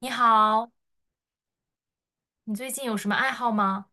你好。你最近有什么爱好吗？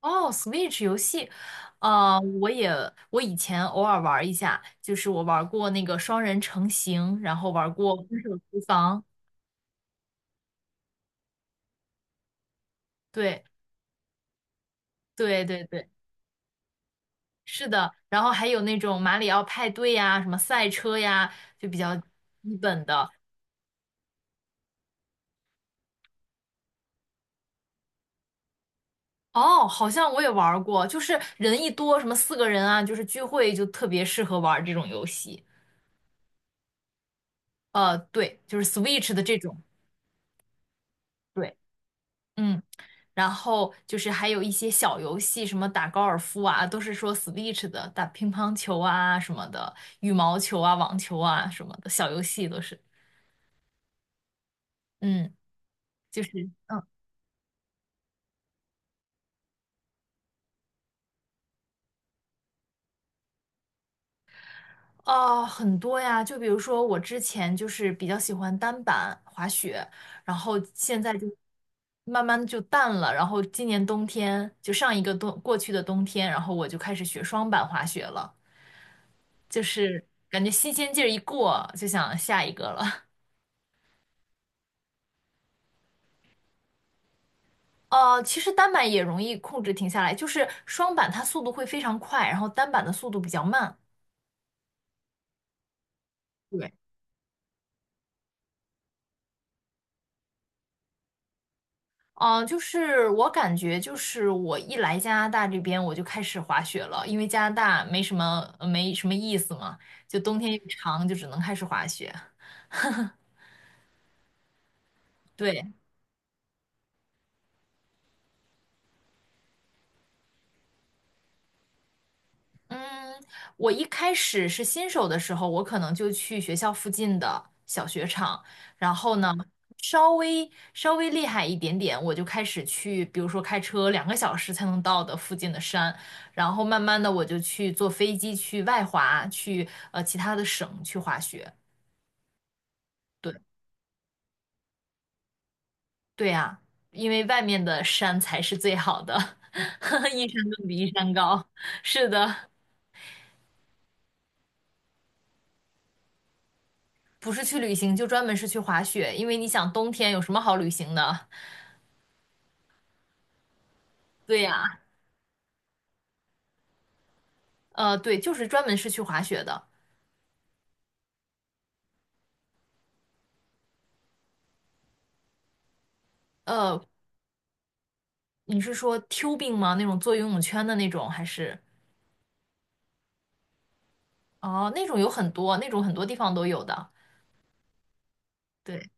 哦，Switch 游戏。呃，我也我以前偶尔玩一下，就是我玩过那个双人成行，然后玩过分手厨房。对对对对，是的。然后还有那种马里奥派对呀，什么赛车呀，就比较基本的。哦，好像我也玩过，就是人一多，什么四个人啊，就是聚会就特别适合玩这种游戏。对，就是 Switch 的这种。对，嗯。然后就是还有一些小游戏，什么打高尔夫啊，都是说 Switch 的，打乒乓球啊什么的，羽毛球啊、网球啊什么的小游戏都是。嗯，就是嗯哦，很多呀，就比如说我之前就是比较喜欢单板滑雪。然后现在就慢慢就淡了，然后今年冬天就上一个冬过去的冬天，然后我就开始学双板滑雪了，就是感觉新鲜劲儿一过，就想下一个了。其实单板也容易控制停下来，就是双板它速度会非常快，然后单板的速度比较慢。对。就是我感觉，就是我一来加拿大这边，我就开始滑雪了，因为加拿大没什么意思嘛，就冬天又长，就只能开始滑雪。对。嗯，我一开始是新手的时候，我可能就去学校附近的小雪场，然后呢，稍微厉害一点点，我就开始去，比如说开车两个小时才能到的附近的山，然后慢慢的我就去坐飞机去外滑，去其他的省去滑雪。对，对呀，因为外面的山才是最好的，一山更比一山高。是的。不是去旅行，就专门是去滑雪，因为你想冬天有什么好旅行的？对呀。对，就是专门是去滑雪的。呃，你是说 tubing 吗？那种做游泳圈的那种，还是？哦，那种有很多，那种很多地方都有的。对。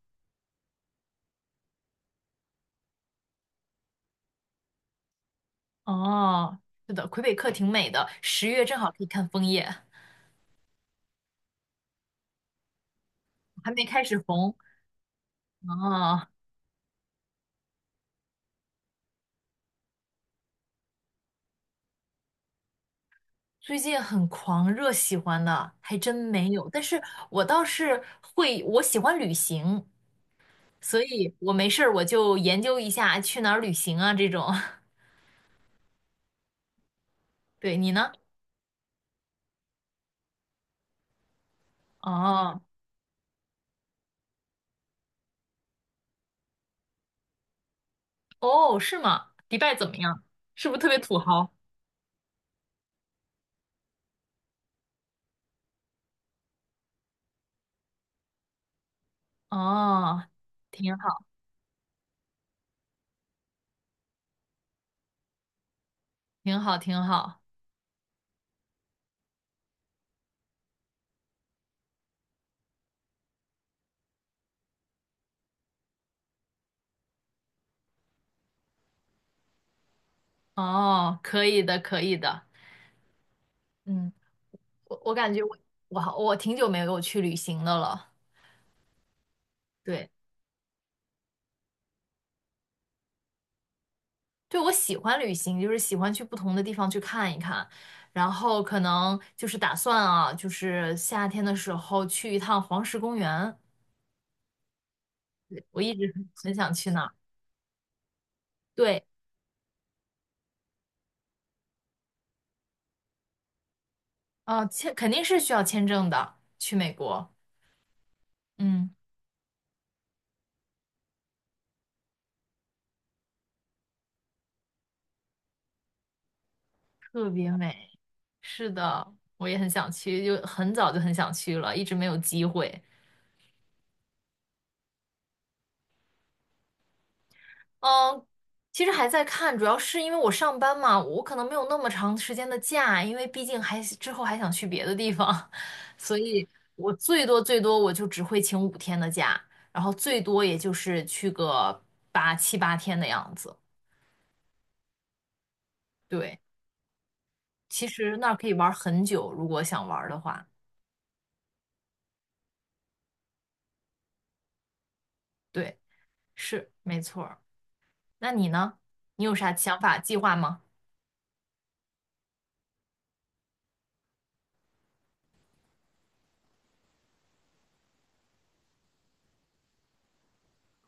哦，是的，魁北克挺美的，十月正好可以看枫叶，还没开始红。哦。最近很狂热喜欢的还真没有，但是我倒是会，我喜欢旅行，所以我没事儿我就研究一下去哪儿旅行啊这种。对，你呢？哦哦，是吗？迪拜怎么样？是不是特别土豪？哦，挺好，挺好，挺好。哦，可以的，可以的。嗯，我感觉我挺久没有去旅行的了。对。对，我喜欢旅行，就是喜欢去不同的地方去看一看，然后可能就是打算啊，就是夏天的时候去一趟黄石公园。对，我一直很想去那。对。啊，肯定是需要签证的，去美国。嗯，特别美，是的，我也很想去，就很早就很想去了，一直没有机会。嗯，其实还在看，主要是因为我上班嘛，我可能没有那么长时间的假，因为毕竟还之后还想去别的地方，所以我最多最多我就只会请五天的假，然后最多也就是去个七八天的样子。对，其实那儿可以玩很久，如果想玩的话。对。是，没错儿。那你呢？你有啥想法、计划吗？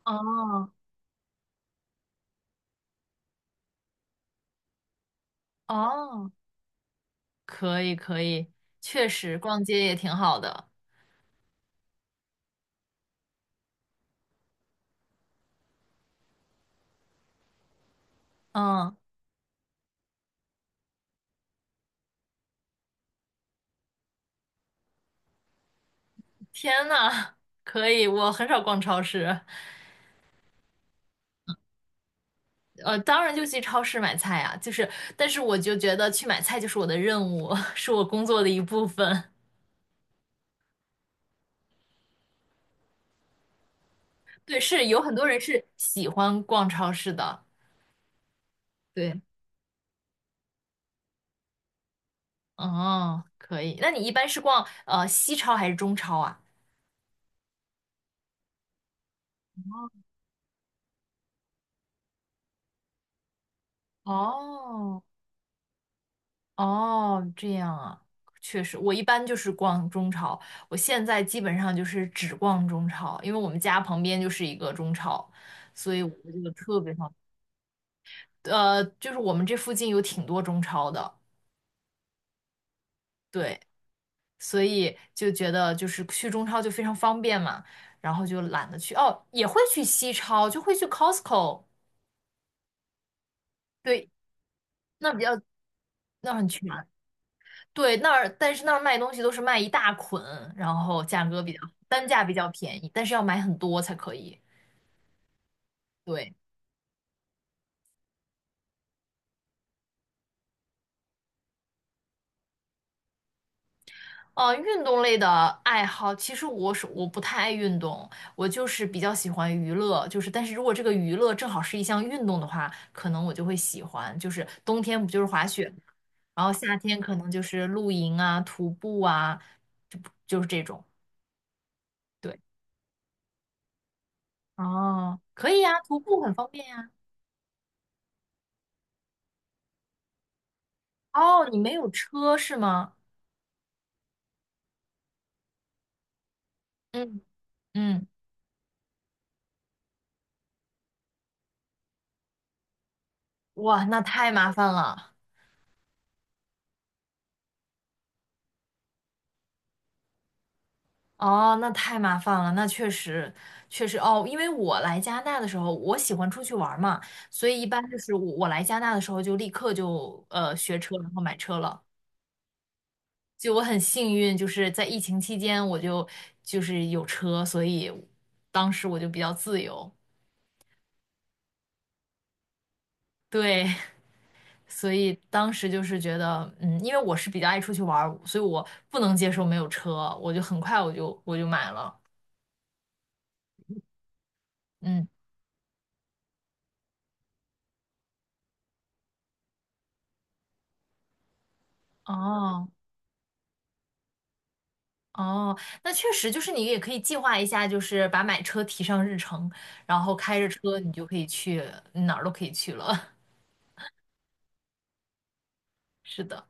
哦哦，可以可以，确实逛街也挺好的。嗯，天呐，可以，我很少逛超市。当然就去超市买菜啊，就是，但是我就觉得去买菜就是我的任务，是我工作的一部分。对，是有很多人是喜欢逛超市的。对。哦，可以。那你一般是逛西超还是中超啊？哦，哦，这样啊。确实，我一般就是逛中超，我现在基本上就是只逛中超，因为我们家旁边就是一个中超，所以我觉就特别方便就是我们这附近有挺多中超的。对，所以就觉得就是去中超就非常方便嘛，然后就懒得去，哦，也会去西超，就会去 Costco。对，那比较那很全。对，那儿但是那儿卖东西都是卖一大捆，然后价格比较单价比较便宜，但是要买很多才可以。对。运动类的爱好，其实我不太爱运动，我就是比较喜欢娱乐，就是但是如果这个娱乐正好是一项运动的话，可能我就会喜欢。就是冬天不就是滑雪，然后夏天可能就是露营啊、徒步啊，就就是这种。对，哦，可以呀，徒步很方便呀。哦，你没有车是吗？嗯。嗯。哇，那太麻烦了。哦，那太麻烦了，那确实，确实哦，因为我来加拿大的时候，我喜欢出去玩儿嘛，所以一般就是我来加拿大的时候就立刻就学车，然后买车了。就我很幸运，就是在疫情期间我就是有车，所以当时我就比较自由。对。所以当时就是觉得，嗯，因为我是比较爱出去玩儿，所以我不能接受没有车，我就很快我就买了。嗯，哦，哦，那确实就是你也可以计划一下，就是把买车提上日程，然后开着车你就可以去哪儿都可以去了。是的。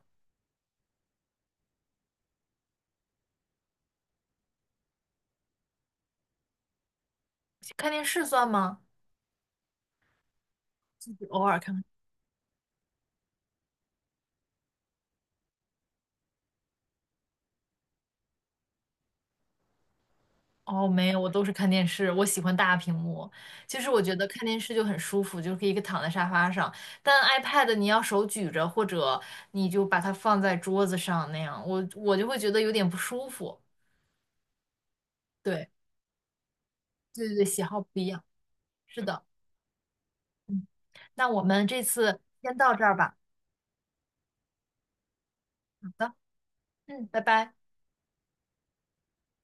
看电视算吗？偶尔看看。哦，没有，我都是看电视，我喜欢大屏幕。其实我觉得看电视就很舒服，就可以躺在沙发上。但 iPad 你要手举着，或者你就把它放在桌子上那样，我就会觉得有点不舒服。对，对对对，喜好不一样。是的。嗯，那我们这次先到这儿吧。好的。嗯，拜拜。